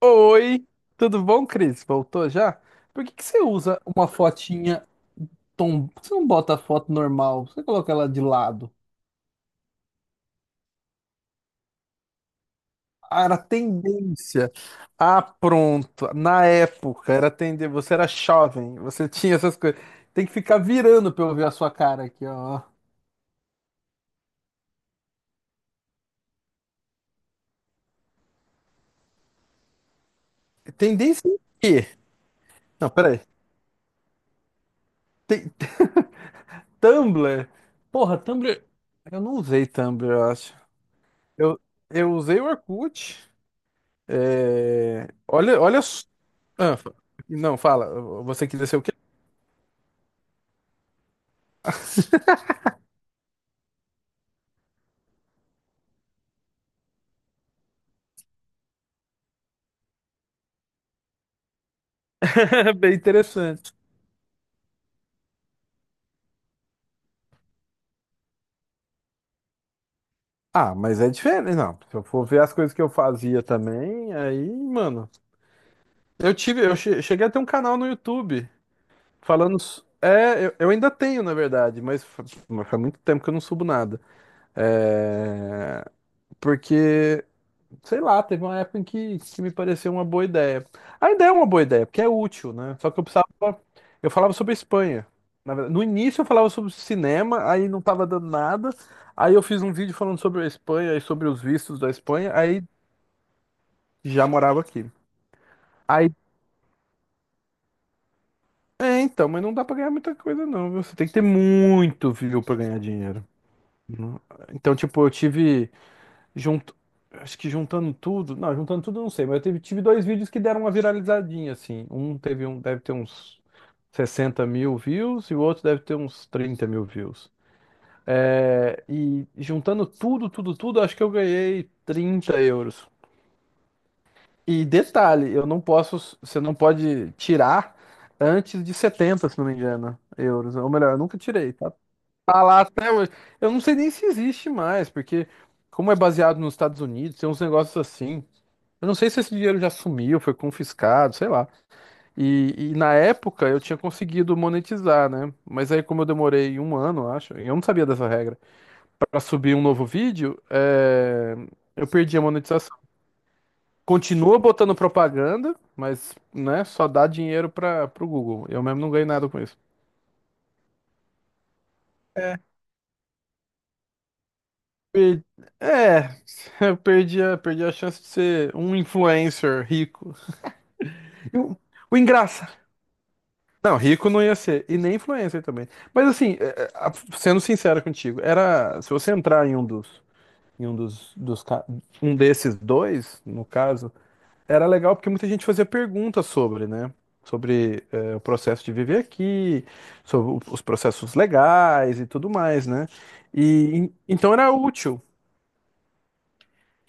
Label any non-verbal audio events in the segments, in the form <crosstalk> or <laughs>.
Oi, tudo bom, Cris? Voltou já? Por que que você usa uma fotinha Por que você não bota a foto normal, você coloca ela de lado. Ah, era tendência. Ah, pronto. Na época era tendência. Você era jovem, você <laughs> tinha essas coisas. Tem que ficar virando pra eu ver a sua cara aqui, ó. Tendência em quê? Não, peraí. Tem... Tumblr? Porra, Tumblr. Eu não usei Tumblr, eu acho. Eu, eu usei o Orkut. É, olha, olha. Ah, fa- não, fala. Você quis ser o quê? <laughs> Bem interessante. Ah, mas é diferente, não. Se eu for ver as coisas que eu fazia também, aí, mano. Eu tive, eu che- Cheguei a ter um canal no YouTube falando. É, eu ainda tenho, na verdade, mas faz muito tempo que eu não subo nada. É, porque sei lá, teve uma época em que me pareceu uma boa ideia. A ideia é uma boa ideia, porque é útil, né? Só que eu precisava. Eu falava sobre a Espanha. Na verdade, no início eu falava sobre cinema, aí não tava dando nada. Aí eu fiz um vídeo falando sobre a Espanha e sobre os vistos da Espanha, aí já morava aqui. Aí, é, então, mas não dá pra ganhar muita coisa, não, viu? Você tem que ter muito view pra ganhar dinheiro. Não- Então, tipo, eu tive. Junt... Acho que juntando tudo. Não, juntando tudo eu não sei, mas eu tive dois vídeos que deram uma viralizadinha, assim. Deve ter uns 60.000 views e o outro deve ter uns 30.000 views. É, e juntando tudo, tudo, tudo, acho que eu ganhei €30. E detalhe, eu não posso, você não pode tirar antes de 70 se não me engano, euros. Ou melhor, eu nunca tirei, tá, tá lá até hoje. Eu não sei nem se existe mais, porque como é baseado nos Estados Unidos, tem uns negócios assim. Eu não sei se esse dinheiro já sumiu, foi confiscado, sei lá. E na época eu tinha conseguido monetizar, né? Mas aí, como eu demorei um ano, acho, eu não sabia dessa regra, pra subir um novo vídeo, é, eu perdi a monetização. Continua botando propaganda, mas, né, só dá dinheiro para pro Google. Eu mesmo não ganhei nada com isso. Per- É, <laughs> eu perdi a chance de ser um influencer rico. E o engraçado. Não, rico não ia ser. E nem influencer também. Mas assim, sendo sincero contigo, era. Se você entrar em um dos, dos ca- um desses dois, no caso, era legal porque muita gente fazia perguntas sobre, né? Sobre o processo de viver aqui, sobre os processos legais e tudo mais, né? E então era útil.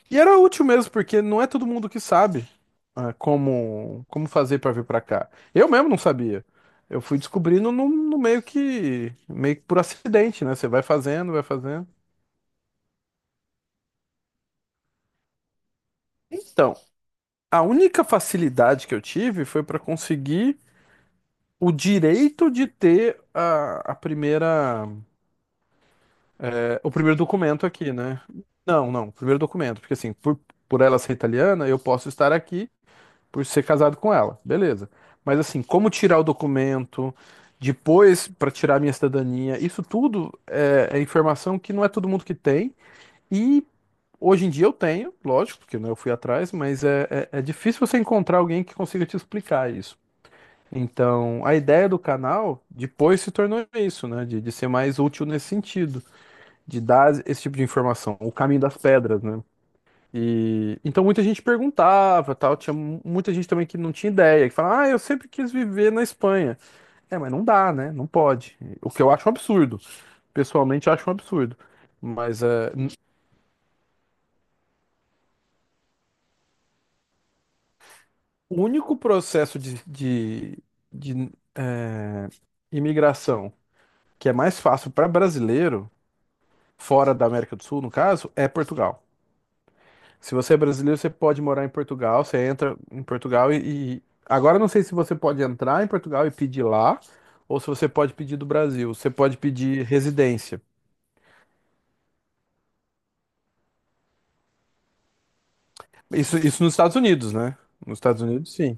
E era útil mesmo, porque não é todo mundo que sabe ah, como, como fazer para vir para cá. Eu mesmo não sabia. Eu fui descobrindo no, no meio que por acidente, né? Você vai fazendo, vai fazendo. Então, a única facilidade que eu tive foi para conseguir o direito de ter a primeira, o primeiro documento aqui, né? Não, não, o primeiro documento, porque assim, por ela ser italiana, eu posso estar aqui por ser casado com ela, beleza. Mas assim, como tirar o documento, depois para tirar a minha cidadania, isso tudo é informação que não é todo mundo que tem. E hoje em dia eu tenho, lógico, porque né, eu fui atrás, mas é difícil você encontrar alguém que consiga te explicar isso. Então, a ideia do canal depois se tornou isso, né? De ser mais útil nesse sentido, de dar esse tipo de informação, o caminho das pedras, né? E então muita gente perguntava, tal, tinha muita gente também que não tinha ideia, que falava: "Ah, eu sempre quis viver na Espanha". É, mas não dá, né? Não pode. O que eu acho um absurdo. Pessoalmente eu acho um absurdo. Mas é, n- o único processo de, é, imigração que é mais fácil para brasileiro, fora da América do Sul, no caso, é Portugal. Se você é brasileiro, você pode morar em Portugal, você entra em Portugal agora eu não sei se você pode entrar em Portugal e pedir lá, ou se você pode pedir do Brasil. Você pode pedir residência. Isso nos Estados Unidos, né? Nos Estados Unidos, sim.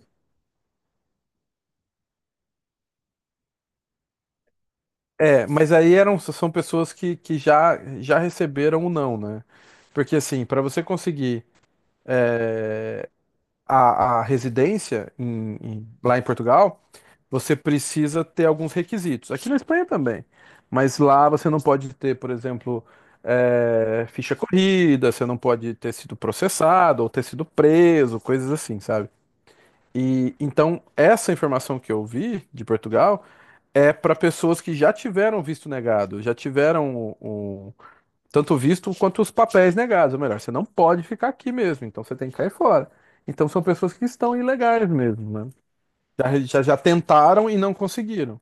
É, mas aí são pessoas que já receberam o não, né? Porque assim, para você conseguir a residência lá em Portugal, você precisa ter alguns requisitos. Aqui na Espanha também. Mas lá você não pode ter, por exemplo, ficha corrida, você não pode ter sido processado ou ter sido preso, coisas assim, sabe? E então essa informação que eu vi de Portugal é para pessoas que já tiveram visto negado, já tiveram tanto o visto quanto os papéis negados. Ou melhor, você não pode ficar aqui mesmo, então você tem que cair fora. Então são pessoas que estão ilegais mesmo, né? Já tentaram e não conseguiram.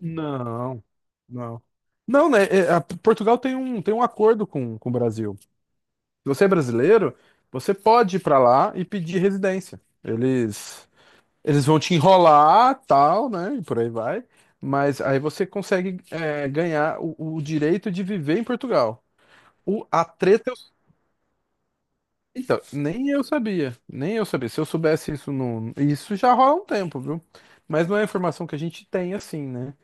Não, não. Não, né? Portugal tem um acordo com o Brasil. Se você é brasileiro, você pode ir pra lá e pedir residência. Eles vão te enrolar, tal, né? E por aí vai. Mas aí você consegue ganhar o direito de viver em Portugal. A treta, então, nem eu sabia. Nem eu sabia. Se eu soubesse isso, não, isso já rola um tempo, viu? Mas não é informação que a gente tem assim, né?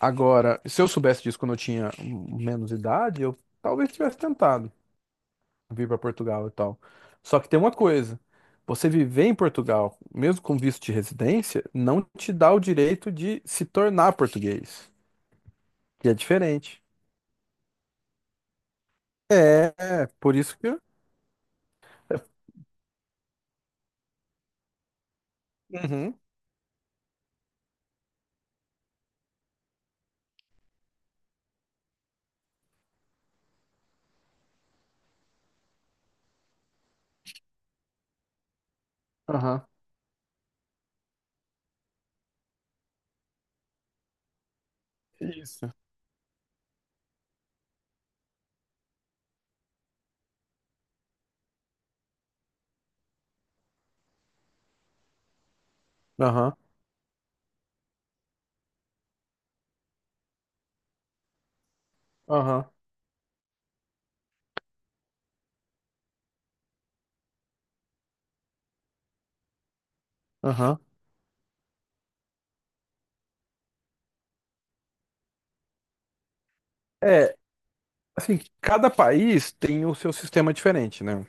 Agora, se eu soubesse disso quando eu tinha menos idade, eu talvez tivesse tentado vir para Portugal e tal. Só que tem uma coisa, você viver em Portugal, mesmo com visto de residência, não te dá o direito de se tornar português, que é diferente. É, por isso que. Uhum, aham. Isso. Aham, aham, aham. É, assim, cada país tem o seu sistema diferente, né?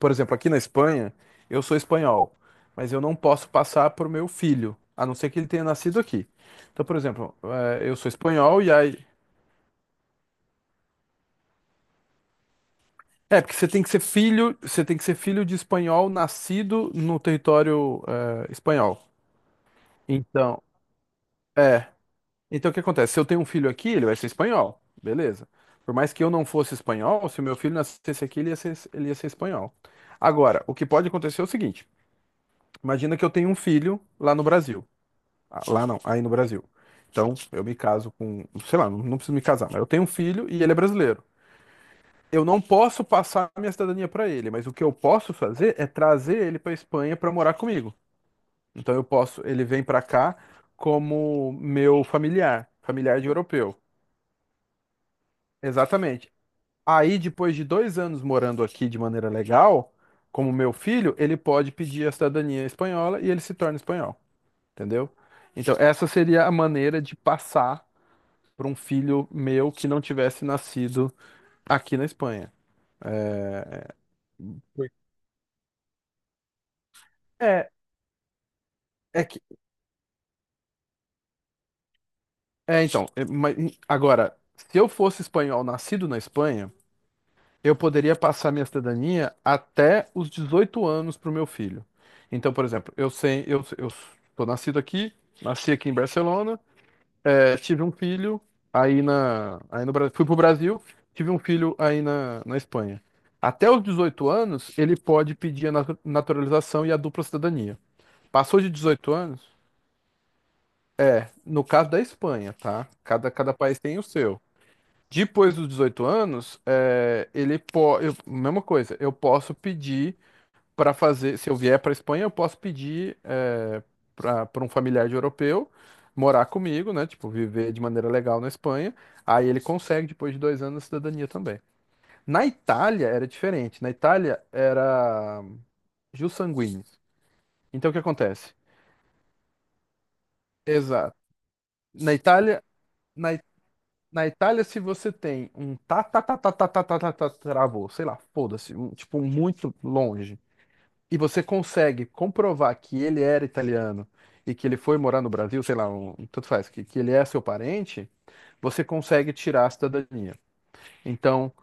Por exemplo, aqui na Espanha, eu sou espanhol, mas eu não posso passar para o meu filho, a não ser que ele tenha nascido aqui. Então, por exemplo, eu sou espanhol e aí. É, porque você tem que ser filho, você tem que ser filho de espanhol nascido no território, espanhol. Então, é. Então o que acontece? Se eu tenho um filho aqui, ele vai ser espanhol, beleza. Por mais que eu não fosse espanhol, se o meu filho nascesse aqui, ele ia ser espanhol. Agora, o que pode acontecer é o seguinte: imagina que eu tenho um filho lá no Brasil. Ah, lá não, aí no Brasil. Então, eu me caso com, sei lá, não, não preciso me casar, mas eu tenho um filho e ele é brasileiro. Eu não posso passar a minha cidadania para ele, mas o que eu posso fazer é trazer ele para Espanha para morar comigo. Então eu posso, ele vem para cá como meu familiar, familiar de europeu. Exatamente. Aí depois de 2 anos morando aqui de maneira legal, como meu filho, ele pode pedir a cidadania espanhola e ele se torna espanhol, entendeu? Então essa seria a maneira de passar para um filho meu que não tivesse nascido aqui na Espanha. Foi. É, é que. É, então, é, mas, agora, se eu fosse espanhol nascido na Espanha, eu poderia passar minha cidadania até os 18 anos para o meu filho. Então, por exemplo, eu sou nascido aqui, nasci aqui em Barcelona, tive um filho aí no Brasil, fui pro Brasil, tive um filho aí na Espanha. Até os 18 anos, ele pode pedir a naturalização e a dupla cidadania. Passou de 18 anos, no caso da Espanha, tá? Cada país tem o seu. Depois dos 18 anos, ele pode. Mesma coisa, eu posso pedir para fazer. Se eu vier para Espanha, eu posso pedir para um familiar de europeu morar comigo, né? Tipo, viver de maneira legal na Espanha. Aí ele consegue, depois de 2 anos, a cidadania também. Na Itália era diferente. Na Itália era jus sanguinis. Então o que acontece? Exato. Na Itália, na Na Itália, se você tem um travou, sei lá, foda-se, um, tipo, um muito longe, e você consegue comprovar que ele era italiano e que ele foi morar no Brasil, sei lá, um, tanto faz, que ele é seu parente, você consegue tirar a cidadania. Então,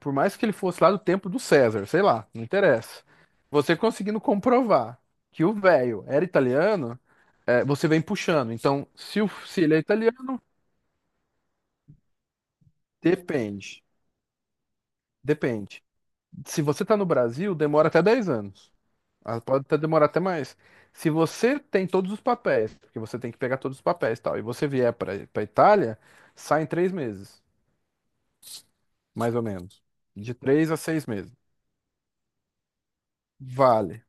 por mais que ele fosse lá do tempo do César, sei lá, não interessa. Você conseguindo comprovar que o velho era italiano, você vem puxando. Então, se ele é italiano, depende. Depende. Se você está no Brasil, demora até 10 anos. Ah, pode até demorar até mais. Se você tem todos os papéis, porque você tem que pegar todos os papéis e tal, e você vier para Itália, sai em três meses, mais ou menos. De três a seis meses. Vale.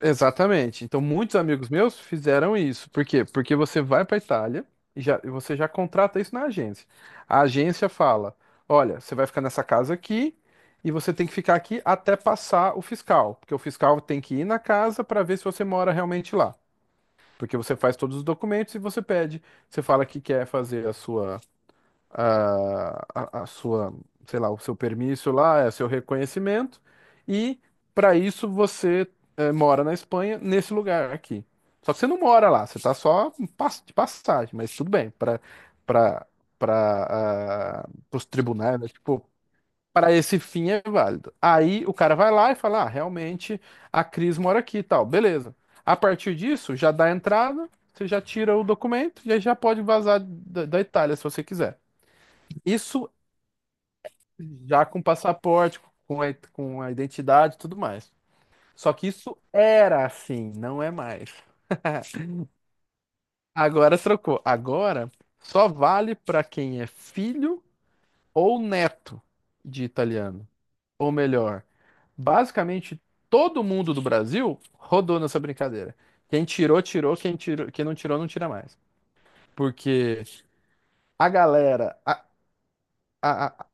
Exatamente. Então, muitos amigos meus fizeram isso. Por quê? Porque você vai para Itália e já, e você já contrata isso na agência. A agência fala: olha, você vai ficar nessa casa aqui e você tem que ficar aqui até passar o fiscal. Porque o fiscal tem que ir na casa para ver se você mora realmente lá. Porque você faz todos os documentos e você pede. Você fala que quer fazer a sua a, a, a sua, o seu permisso lá, é seu reconhecimento, e para isso você mora na Espanha, nesse lugar aqui. Só que você não mora lá, você está só de passagem, mas tudo bem, para para para os tribunais, né? Tipo, para esse fim é válido. Aí o cara vai lá e fala, ah, realmente a Cris mora aqui e tal, beleza. A partir disso, já dá a entrada, você já tira o documento e aí já pode vazar da Itália se você quiser. Isso já com passaporte, com a identidade e tudo mais. Só que isso era assim, não é mais. Agora trocou. Agora só vale para quem é filho ou neto de italiano. Ou melhor, basicamente todo mundo do Brasil rodou nessa brincadeira. Quem tirou, tirou. Quem tirou, quem não tirou, não tira mais. Porque a galera. A-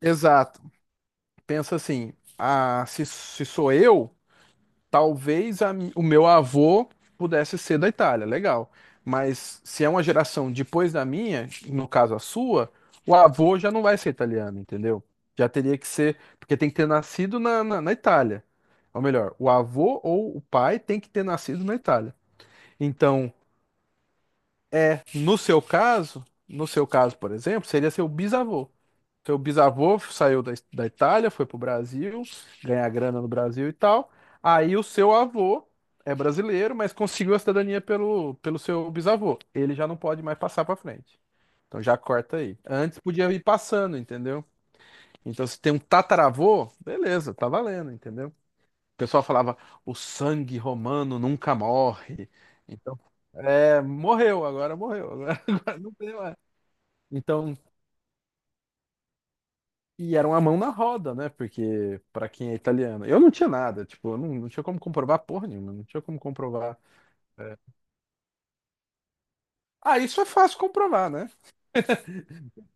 exato. Pensa assim: ah, se sou eu. Talvez o meu avô pudesse ser da Itália, legal. Mas se é uma geração depois da minha, no caso a sua, o avô já não vai ser italiano, entendeu? Já teria que ser, porque tem que ter nascido na Itália. Ou melhor, o avô ou o pai tem que ter nascido na Itália. Então, é, no seu caso, por exemplo, seria seu bisavô. Seu bisavô saiu da Itália, foi pro Brasil, ganhar grana no Brasil e tal. Aí o seu avô é brasileiro, mas conseguiu a cidadania pelo seu bisavô. Ele já não pode mais passar pra frente. Então já corta aí. Antes podia ir passando, entendeu? Então se tem um tataravô, beleza, tá valendo, entendeu? O pessoal falava, o sangue romano nunca morre. Então, é, morreu, agora morreu, <laughs> agora não tem mais. Então E era uma mão na roda, né? Porque pra quem é italiano, eu não tinha nada, tipo, eu não, não tinha como comprovar porra nenhuma, não tinha como comprovar. Ah, isso é fácil comprovar, né?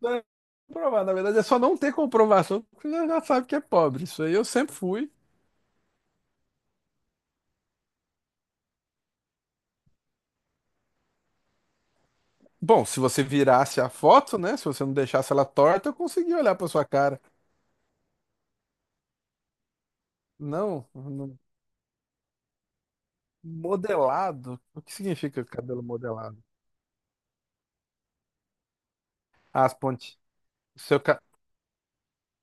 Não é comprovar, na verdade é só não ter comprovação, porque você já sabe que é pobre. Isso aí eu sempre fui. Bom, se você virasse a foto, né? Se você não deixasse ela torta, eu conseguia olhar pra sua cara. Não, não- modelado. O que significa cabelo modelado? Ah, as pontes. Seu, ca-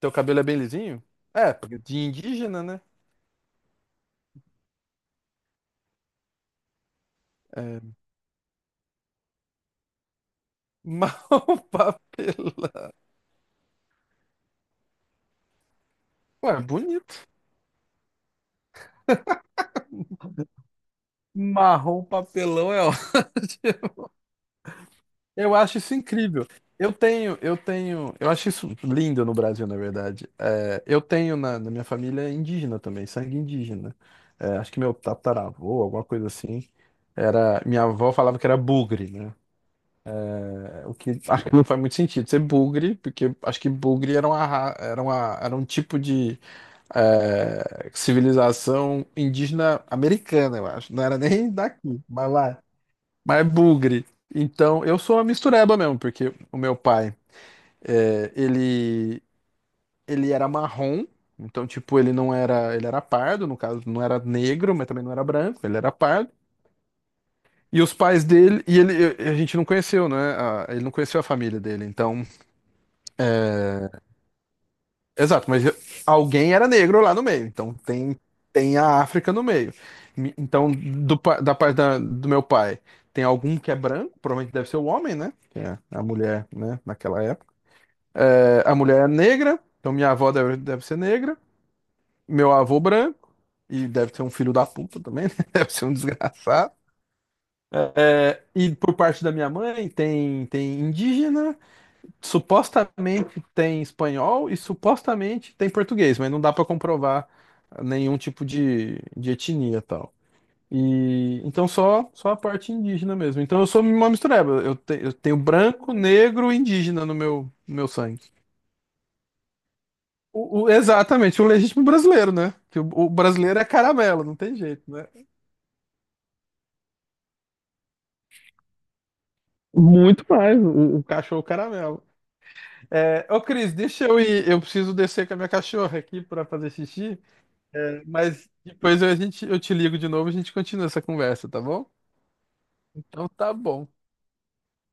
seu cabelo é bem lisinho? É, porque de indígena, né? É, marrom <laughs> papelão. Ué, bonito. Marrom papelão é <laughs> ótimo. Eu acho isso incrível. Eu acho isso lindo no Brasil, na verdade. É, eu tenho na minha família indígena também, sangue indígena. É, acho que meu tataravô, alguma coisa assim, era, minha avó falava que era bugre, né? É, o que acho que não faz muito sentido ser bugre, porque acho que bugre era uma, ra- era uma, era um tipo de civilização indígena americana, eu acho. Não era nem daqui, mas lá. Mas é bugre. Então, eu sou uma mistureba mesmo, porque o meu pai, eh, ele, ele era marrom, então, tipo, ele era pardo, no caso, não era negro, mas também não era branco, ele era pardo. E os pais dele, e ele, a gente não conheceu, né? Ele não conheceu a família dele, então. Exato, mas alguém era negro lá no meio, então tem, tem a África no meio. Então, da parte do meu pai, tem algum que é branco, provavelmente deve ser o homem, né? Que é a mulher, né? Naquela época. É, a mulher é negra, então minha avó deve, deve ser negra, meu avô branco, e deve ser um filho da puta também, né? <laughs> Deve ser um desgraçado. É, e por parte da minha mãe, tem, tem indígena, supostamente tem espanhol e supostamente tem português, mas não dá para comprovar nenhum tipo de etnia tal. E então só a parte indígena mesmo. Então eu sou uma mistureba. Eu tenho branco, negro e indígena no meu sangue. Exatamente, o legítimo brasileiro, né? Que o brasileiro é caramelo, não tem jeito, né? Muito mais, o cachorro caramelo. É, ô Cris, deixa eu ir. Eu preciso descer com a minha cachorra aqui para fazer xixi. É, mas a gente, eu te ligo de novo e a gente continua essa conversa, tá bom? Então tá bom.